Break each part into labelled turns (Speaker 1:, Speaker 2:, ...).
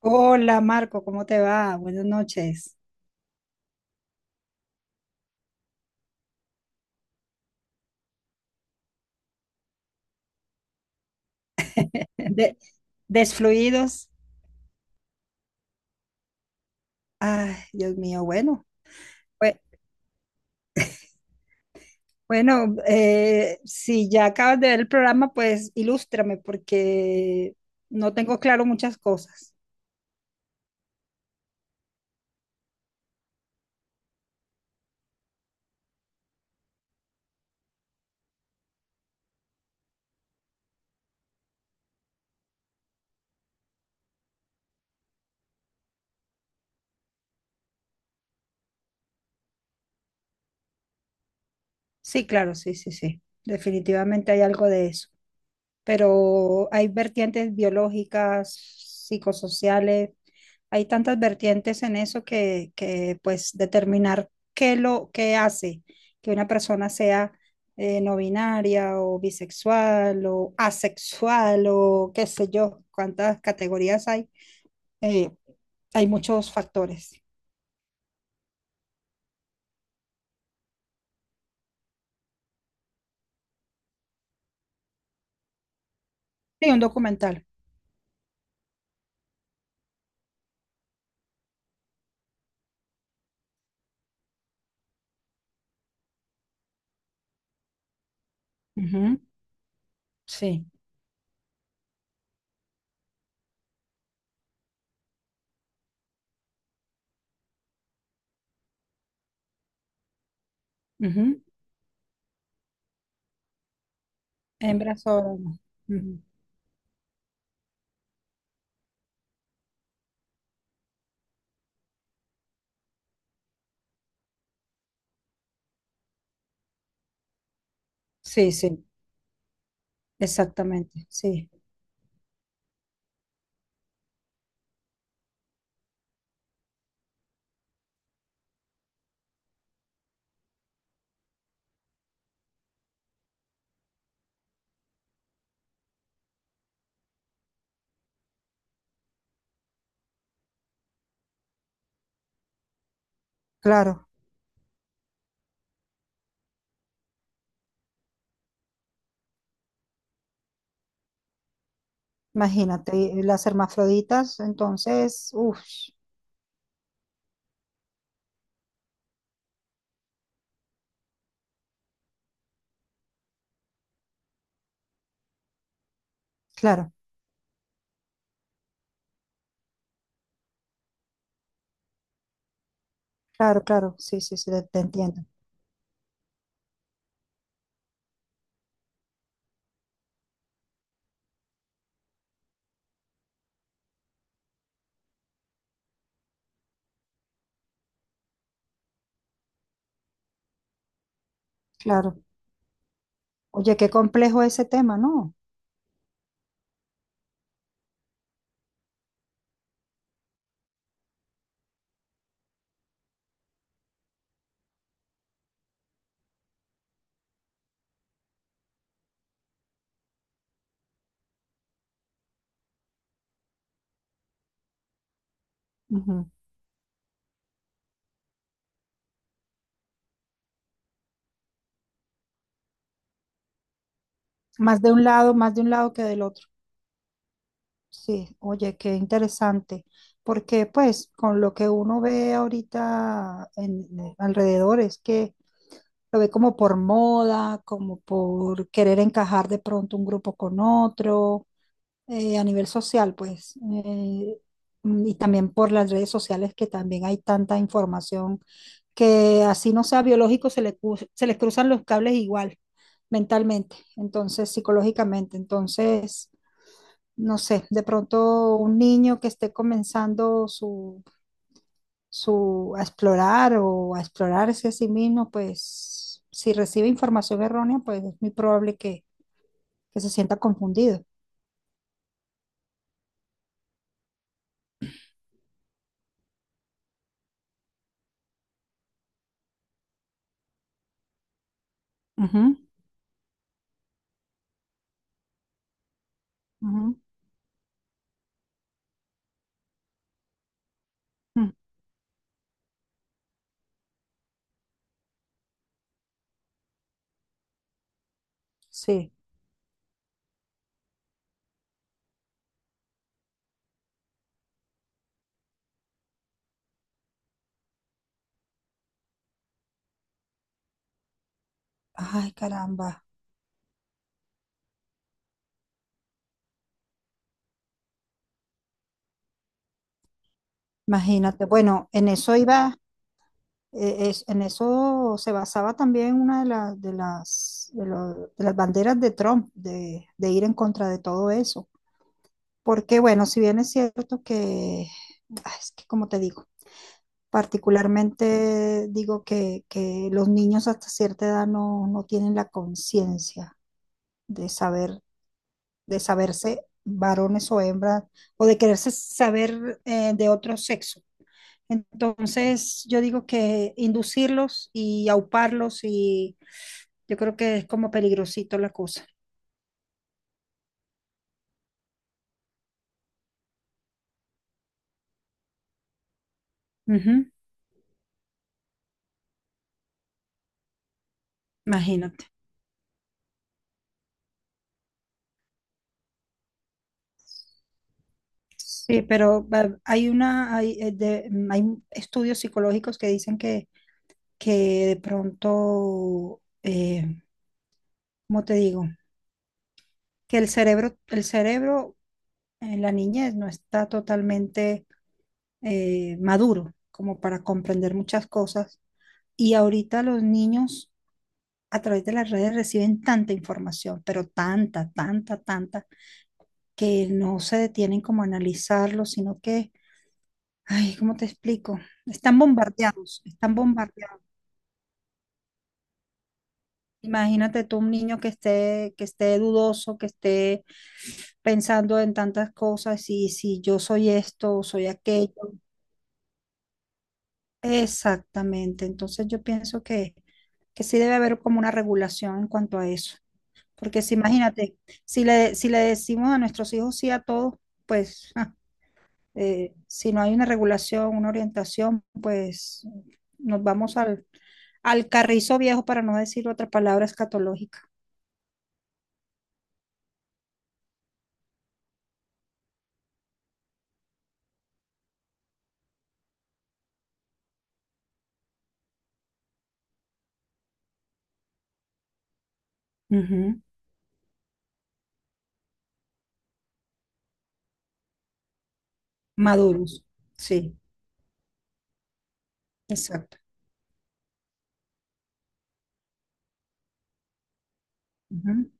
Speaker 1: Hola Marco, ¿cómo te va? Buenas noches. De- desfluidos. Ay, Dios mío, bueno. bue- Bueno, si ya acabas de ver el programa, pues ilústrame porque no tengo claro muchas cosas. Sí, claro, sí, sí, sí. Definitivamente hay algo de eso. Pero hay vertientes biológicas, psicosociales. Hay tantas vertientes en eso que pues determinar qué lo qué hace que una persona sea no binaria o bisexual o asexual o qué sé yo, cuántas categorías hay. eh, Hay muchos factores. Sí, un documental. Ujú. Sí. Ujú. Hembra sobre uno. Ujú. Sí, sí, exactamente. Sí, claro. Imagínate, y las hermafroditas, entonces, uff, claro. Claro, claro, sí, sí, sí, te entiendo. Claro. Oye, qué complejo ese tema, ¿no? Ujú. Más de un lado, más de un lado que del otro. Sí, oye, qué interesante. Porque pues con lo que uno ve ahorita en alrededor es que lo ve como por moda, como por querer encajar de pronto un grupo con otro, a nivel social, pues. Y también por las redes sociales que también hay tanta información que así no sea biológico, se les cruzan los cables igual, mentalmente, entonces psicológicamente. Entonces, no sé, de pronto un niño que esté comenzando su, su a explorar o a explorarse a sí mismo, pues si recibe información errónea, pues es muy probable que se sienta confundido. Ujú, ujú, mm. Sí. Ay, caramba. Imagínate. Bueno, en eso iba. En eso se basaba también una de las banderas de Trump, de ir en contra de todo eso. Porque, bueno, si bien es cierto que, es que como te digo, particularmente digo que los niños hasta cierta edad no tienen la conciencia de saber, de saberse varones o hembras, o de quererse saber de otro sexo. Entonces, yo digo que inducirlos y auparlos y yo creo que es como peligrosito la cosa. Ujú. Imagínate. Sí, pero hay una, hay, de- mm, hay estudios psicológicos que dicen que de pronto, ¿cómo te digo? Que el cerebro en la niñez no está totalmente maduro como para comprender muchas cosas. Y ahorita los niños a través de las redes reciben tanta información, pero tanta, tanta, tanta, que no se detienen como a analizarlo, sino que. Ay, ¿cómo te explico? Están bombardeados, están bombardeados. Imagínate tú un niño que esté dudoso, que esté pensando en tantas cosas y si yo soy esto o soy aquello. Exactamente. Entonces yo pienso que sí debe haber como una regulación en cuanto a eso. Porque si imagínate, si le decimos a nuestros hijos sí a todos, pues si no hay una regulación, una orientación, pues nos vamos al carrizo viejo, para no decir otra palabra escatológica. Ujú. Maduros, sí, exacto. Ujú.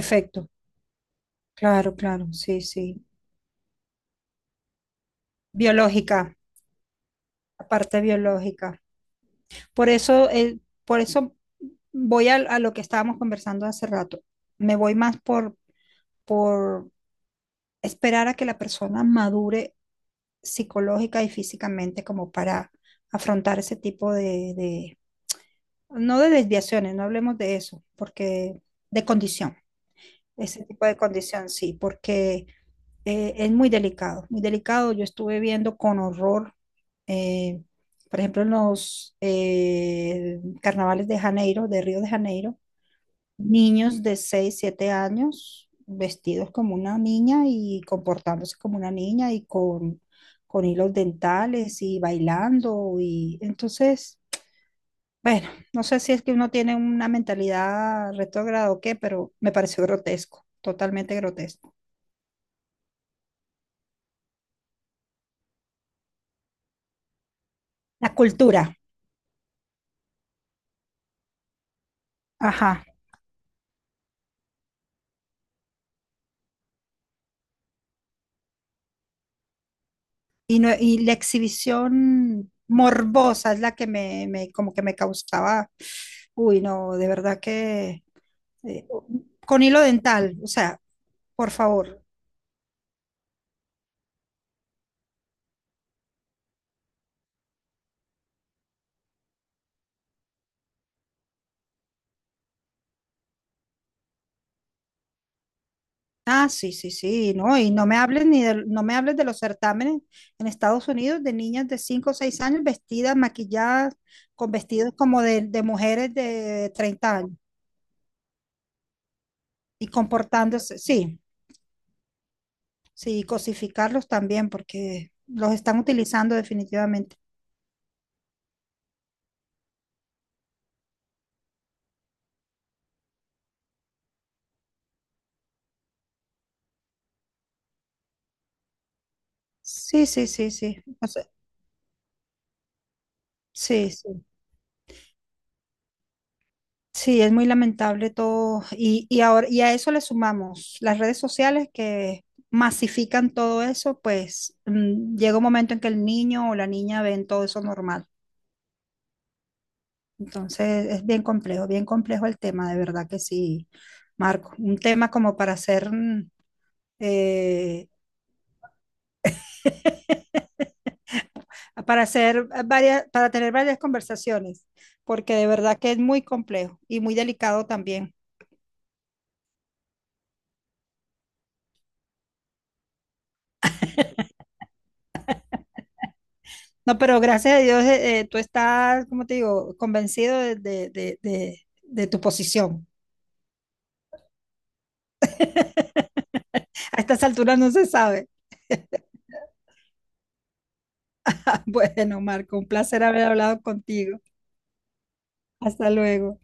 Speaker 1: Efecto, claro, claro, sí, sí. Biológica, la parte biológica. Por eso, eh, por eso, voy a lo que estábamos conversando hace rato. Me voy más por esperar a que la persona madure psicológica y físicamente como para afrontar ese tipo de no de desviaciones, no hablemos de eso, porque de condición. Ese tipo de condición, sí, porque es muy delicado, muy delicado. Yo estuve viendo con horror, eh, por ejemplo, en los carnavales de Río de Janeiro, niños de 6 7 años vestidos como una niña y comportándose como una niña y con hilos dentales y bailando. Y entonces, bueno, no sé si es que uno tiene una mentalidad retrógrada o qué, pero me pareció grotesco, totalmente grotesco. La cultura, ajá. Y, no, y la exhibición morbosa es la que como que me causaba, uy, no, de verdad que eh, con hilo dental, o sea, por favor. Ah, sí, sí, sí, no, y no me hables ni de, no me hables de los certámenes en Estados Unidos de niñas de 5 o 6 años vestidas, maquilladas, con vestidos como de mujeres de 30 años y comportándose, sí. Sí, cosificarlos también, porque los están utilizando definitivamente. Sí, sí, sí, sí. O sea, sí, sí. Sí, es muy lamentable todo. Y ahora, y a eso le sumamos las redes sociales que masifican todo eso, pues llega un momento en que el niño o la niña ven todo eso normal. Entonces es bien complejo el tema, de verdad que sí, Marco. Un tema como para hacer eh, para tener varias conversaciones, porque de verdad que es muy complejo y muy delicado también. No, pero gracias a Dios tú estás, como te digo, convencido de tu posición. A estas alturas no se sabe. Bueno, Marco, un placer haber hablado contigo. Hasta luego.